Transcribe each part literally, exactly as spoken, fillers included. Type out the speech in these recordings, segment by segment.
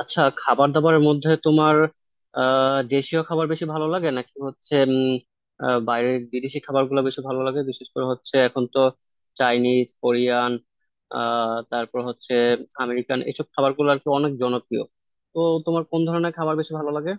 আচ্ছা, খাবার দাবারের মধ্যে তোমার আহ দেশীয় খাবার বেশি ভালো লাগে নাকি হচ্ছে উম, আহ, বাইরের বিদেশি খাবারগুলো বেশি ভালো লাগে? বিশেষ করে হচ্ছে এখন তো চাইনিজ, কোরিয়ান, আহ তারপর হচ্ছে আমেরিকান এসব খাবারগুলো আর কি অনেক জনপ্রিয়। তো তোমার কোন ধরনের খাবার বেশি ভালো লাগে?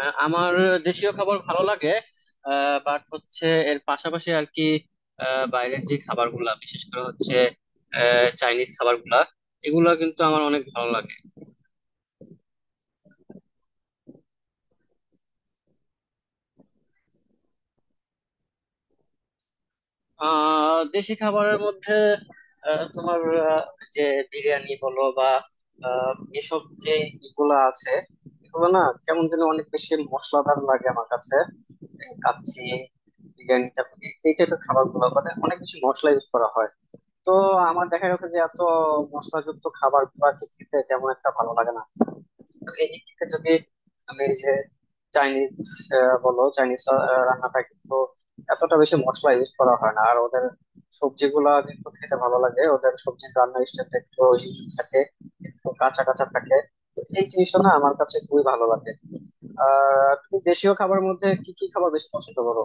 আহ, আমার দেশীয় খাবার ভালো লাগে, বাট হচ্ছে এর পাশাপাশি আর কি আহ, বাইরের যে খাবারগুলা, বিশেষ করে হচ্ছে চাইনিজ খাবারগুলা, এগুলা কিন্তু আমার অনেক ভালো লাগে। আহ দেশি খাবারের মধ্যে আহ, তোমার আহ, যে বিরিয়ানি বলো বা আহ, এসব যে ইগুলা আছে, এগুলো না কেমন যেন অনেক বেশি মশলাদার লাগে আমার কাছে। এই কাচ্চি বিরিয়ানি এই টাইপের খাবার গুলো মানে অনেক বেশি মশলা ইউজ করা হয়। তো আমার দেখা গেছে যে এত মশলাযুক্ত খাবার গুলা খেতে তেমন একটা ভালো লাগে না। তো এই দিক থেকে যদি আমি এই যে চাইনিজ বলো, চাইনিজ রান্নাটা কিন্তু এতটা বেশি মশলা ইউজ করা হয় না, আর ওদের সবজিগুলা কিন্তু খেতে ভালো লাগে। ওদের সবজির রান্নার স্টাইলটা একটু ইউনিক থাকে, একটু কাঁচা কাঁচা থাকে। তো এই জিনিসটা না আমার কাছে খুবই ভালো লাগে। আর তুমি দেশীয় খাবারের মধ্যে কি কি খাবার বেশি পছন্দ করো?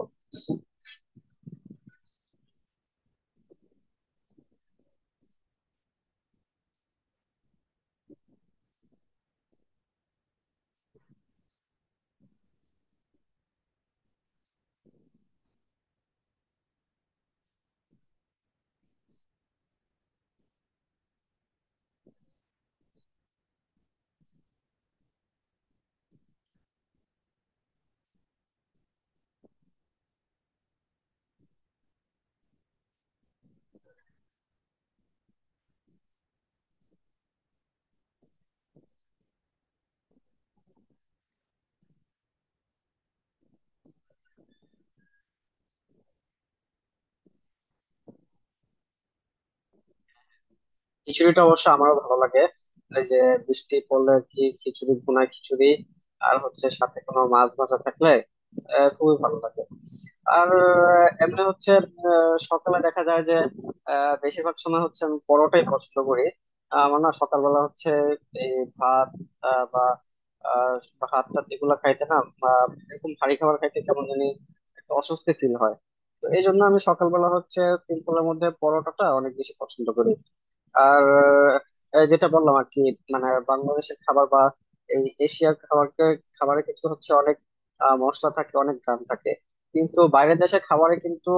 খিচুড়িটা অবশ্য আমারও ভালো লাগে। এই যে বৃষ্টি পড়লে আর কি খিচুড়ি, ভুনা খিচুড়ি, আর হচ্ছে সাথে কোনো মাছ ভাজা থাকলে আহ খুবই ভালো লাগে। আর আহ, এমনি হচ্ছে আহ, সকালে দেখা যায় যে আহ, বেশিরভাগ সময় হচ্ছে আমি পরোটাই পছন্দ করি। আহ, আমার না সকালবেলা হচ্ছে এই ভাত আহ, বা আহ, ভাত টাত এগুলো খাইতে না, বা এরকম ভারী খাবার খাইতে কেমন জানি একটা অস্বস্তি ফিল হয়। তো এই জন্য আমি সকালবেলা হচ্ছে সিম্পলের মধ্যে পরোটাটা অনেক বেশি পছন্দ করি। আর আহ, যেটা বললাম আর কি, মানে বাংলাদেশের খাবার বা এই এশিয়ার খাবারকে খাবারে কিন্তু হচ্ছে অনেক আহ, মশলা থাকে, অনেক গ্রাম থাকে। কিন্তু বাইরের দেশের খাবারে কিন্তু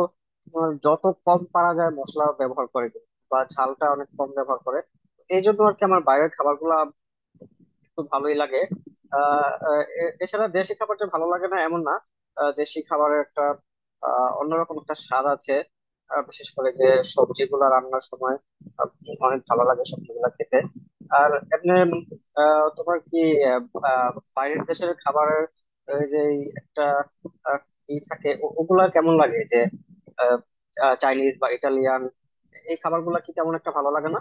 তোমার যত কম পারা যায় মশলা ব্যবহার করে কিন্তু, বা ঝালটা অনেক কম ব্যবহার করে। এই জন্য আর কি আমার বাইরের খাবারগুলো তো ভালোই লাগে। আহ আহ, এ- এছাড়া দেশি খাবার যে ভালো লাগে না এমন না। আহ, দেশি খাবারের একটা আহ, অন্যরকম একটা স্বাদ আছে। আহ, বিশেষ করে যে সবজিগুলো রান্নার সময় আহ, অনেক ভালো লাগে সবজিগুলো খেতে। আর এমনি আহ, তোমার কি আহ, আহ, বাইরের দেশের খাবারের আহ, যে এই একটা আহ, ই থাকে, ও- ওগুলা কেমন লাগে? যে আহ, আহ, চাইনিজ বা ইটালিয়ান এই খাবারগুলা কি তেমন একটা ভালো লাগে না?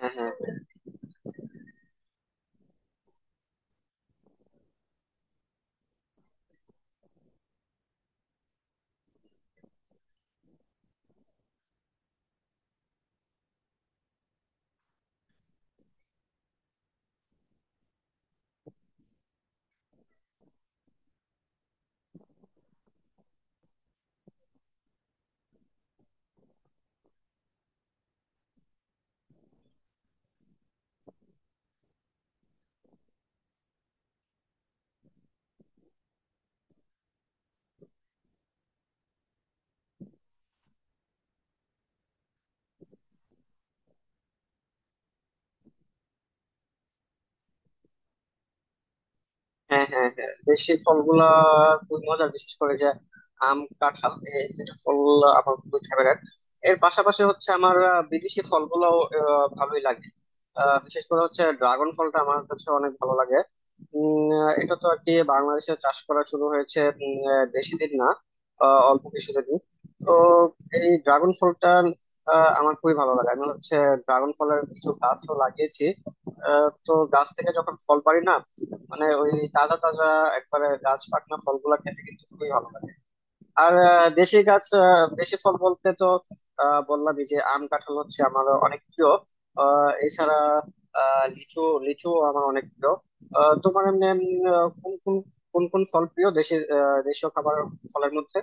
হ্যাঁ হ্যাঁ হ্যাঁ হ্যাঁ হ্যাঁ দেশি ফলগুলা খুবই মজার। বিশেষ করে যে আম, কাঁঠাল এই দুটো ফল আমার খুবই ফেভারিট। এর পাশাপাশি হচ্ছে আমার আহ, বিদেশি ফলগুলোও আহ, ভালোই লাগে। আহ, বিশেষ করে হচ্ছে ড্রাগন ফলটা আমার কাছে অনেক ভালো লাগে। উম, আহ, এটা তো আর কি বাংলাদেশে চাষ করা শুরু হয়েছে উম, আহ, বেশি দিন না, আহ, অল্প কিছুদিন। তো এই ড্রাগন ফলটা আহ, আমার খুবই ভালো লাগে। আমি হচ্ছে ড্রাগন ফলের কিছু গাছও লাগিয়েছি। আহ, তো গাছ থেকে যখন ফল পারি না, মানে ওই তাজা তাজা একবারে গাছ পাকনা ফলগুলা খেতে কিন্তু খুবই ভালো লাগে। আর আহ, দেশি গাছ আহ, দেশি ফল বলতে তো আহ, বললামই যে আম কাঁঠাল হচ্ছে আমার অনেক প্রিয়। আহ, এছাড়া আহ, লিচু, লিচু আমার অনেক প্রিয়। আহ, তোমার এমনি এমনি, আহ, কোন কোন কোন কোন ফল প্রিয়, দেশি আহ, দেশীয় খাবার ফলের মধ্যে?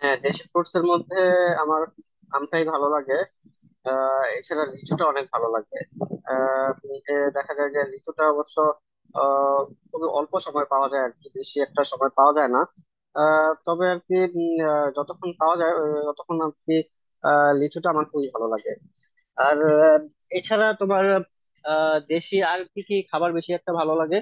হ্যাঁ, দেশি ফ্রুটস এর মধ্যে আমার আমটাই ভালো লাগে। আহ এছাড়া লিচুটা অনেক ভালো লাগবে। আহ উম, এ দেখা যায় যে লিচুটা অবশ্য আহ খুবই অল্প সময় পাওয়া যায় আর কি, বেশি একটা সময় পাওয়া যায় না। আহ তবে আর কি উম, আহ, যতক্ষণ পাওয়া যায় আহ, ততক্ষণ আর কি আহ লিচুটা আমার খুবই ভালো লাগে। আর আহ, এছাড়া তোমার আহ দেশি আর কি কি খাবার বেশি একটা ভালো লাগে?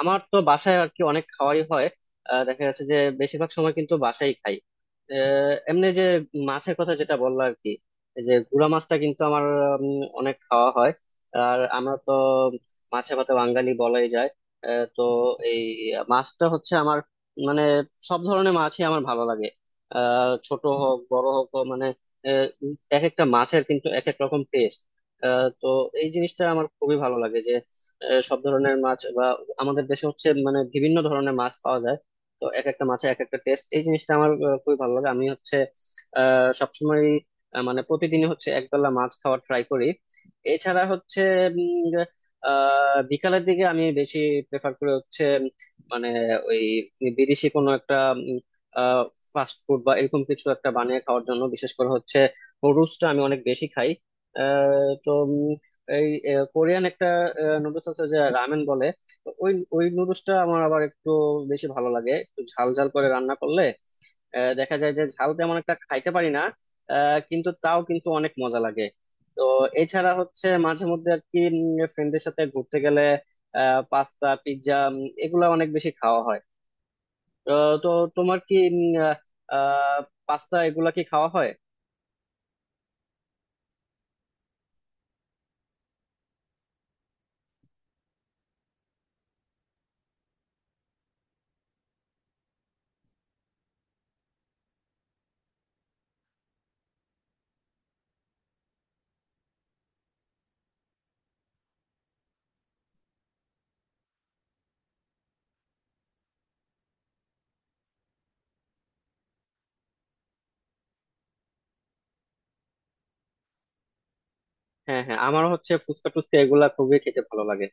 আমার তো বাসায় আর কি অনেক খাওয়াই হয়। আহ, দেখা যাচ্ছে যে বেশিরভাগ সময় কিন্তু বাসায় খাই। আহ, এমনি যে মাছের কথা যেটা বললো আর কি, এই যে গুড়া মাছটা কিন্তু আমার উম, অনেক খাওয়া হয়। আর আমরা তো মাছে ভাতে বাঙালি বলাই যায়। আহ, তো এই মাছটা হচ্ছে আমার মানে সব ধরনের মাছই আমার ভালো লাগে। আহ ছোট হোক বড় হোক, ও মানে আহ, এক একটা মাছের কিন্তু এক এক রকম টেস্ট। তো এই জিনিসটা আমার খুবই ভালো লাগে যে আহ, সব ধরনের মাছ বা আমাদের দেশে হচ্ছে মানে বিভিন্ন ধরনের মাছ পাওয়া যায়। তো এক একটা মাছে এক একটা টেস্ট, এই জিনিসটা আমার আহ, খুবই ভালো লাগে। আমি হচ্ছে আহ সবসময় আহ, মানে প্রতিদিনই হচ্ছে একবেলা মাছ খাওয়ার ট্রাই করি। এছাড়া হচ্ছে উম, যে, আহ বিকালের দিকে আমি বেশি প্রেফার করি হচ্ছে উম, মানে ওই বিদেশি কোনো একটা ফাস্ট ফুড বা এরকম কিছু একটা বানিয়ে খাওয়ার জন্য। বিশেষ করে হচ্ছে রুস্টটা আমি অনেক বেশি খাই। আহ তো এই কোরিয়ান একটা নুডলস আছে যে রামেন বলে। তো ওই ওই নুডলসটা আমার আবার একটু বেশি ভালো লাগে একটু ঝাল ঝাল করে রান্না করলে। আহ, দেখা যায় যে ঝাল তেমন একটা খাইতে পারি না, আহ, কিন্তু তাও কিন্তু অনেক মজা লাগে। তো এছাড়া হচ্ছে মাঝে মধ্যে আর কি ফ্রেন্ডের সাথে ঘুরতে গেলে পাস্তা, পিৎজা এগুলা অনেক বেশি খাওয়া হয়। তো তো তোমার কি পাস্তা এগুলা কি খাওয়া হয়? হ্যাঁ, হ্যাঁ, আমার হচ্ছে ফুচকা টুচকা এগুলা খুবই খেতে ভালো লাগে।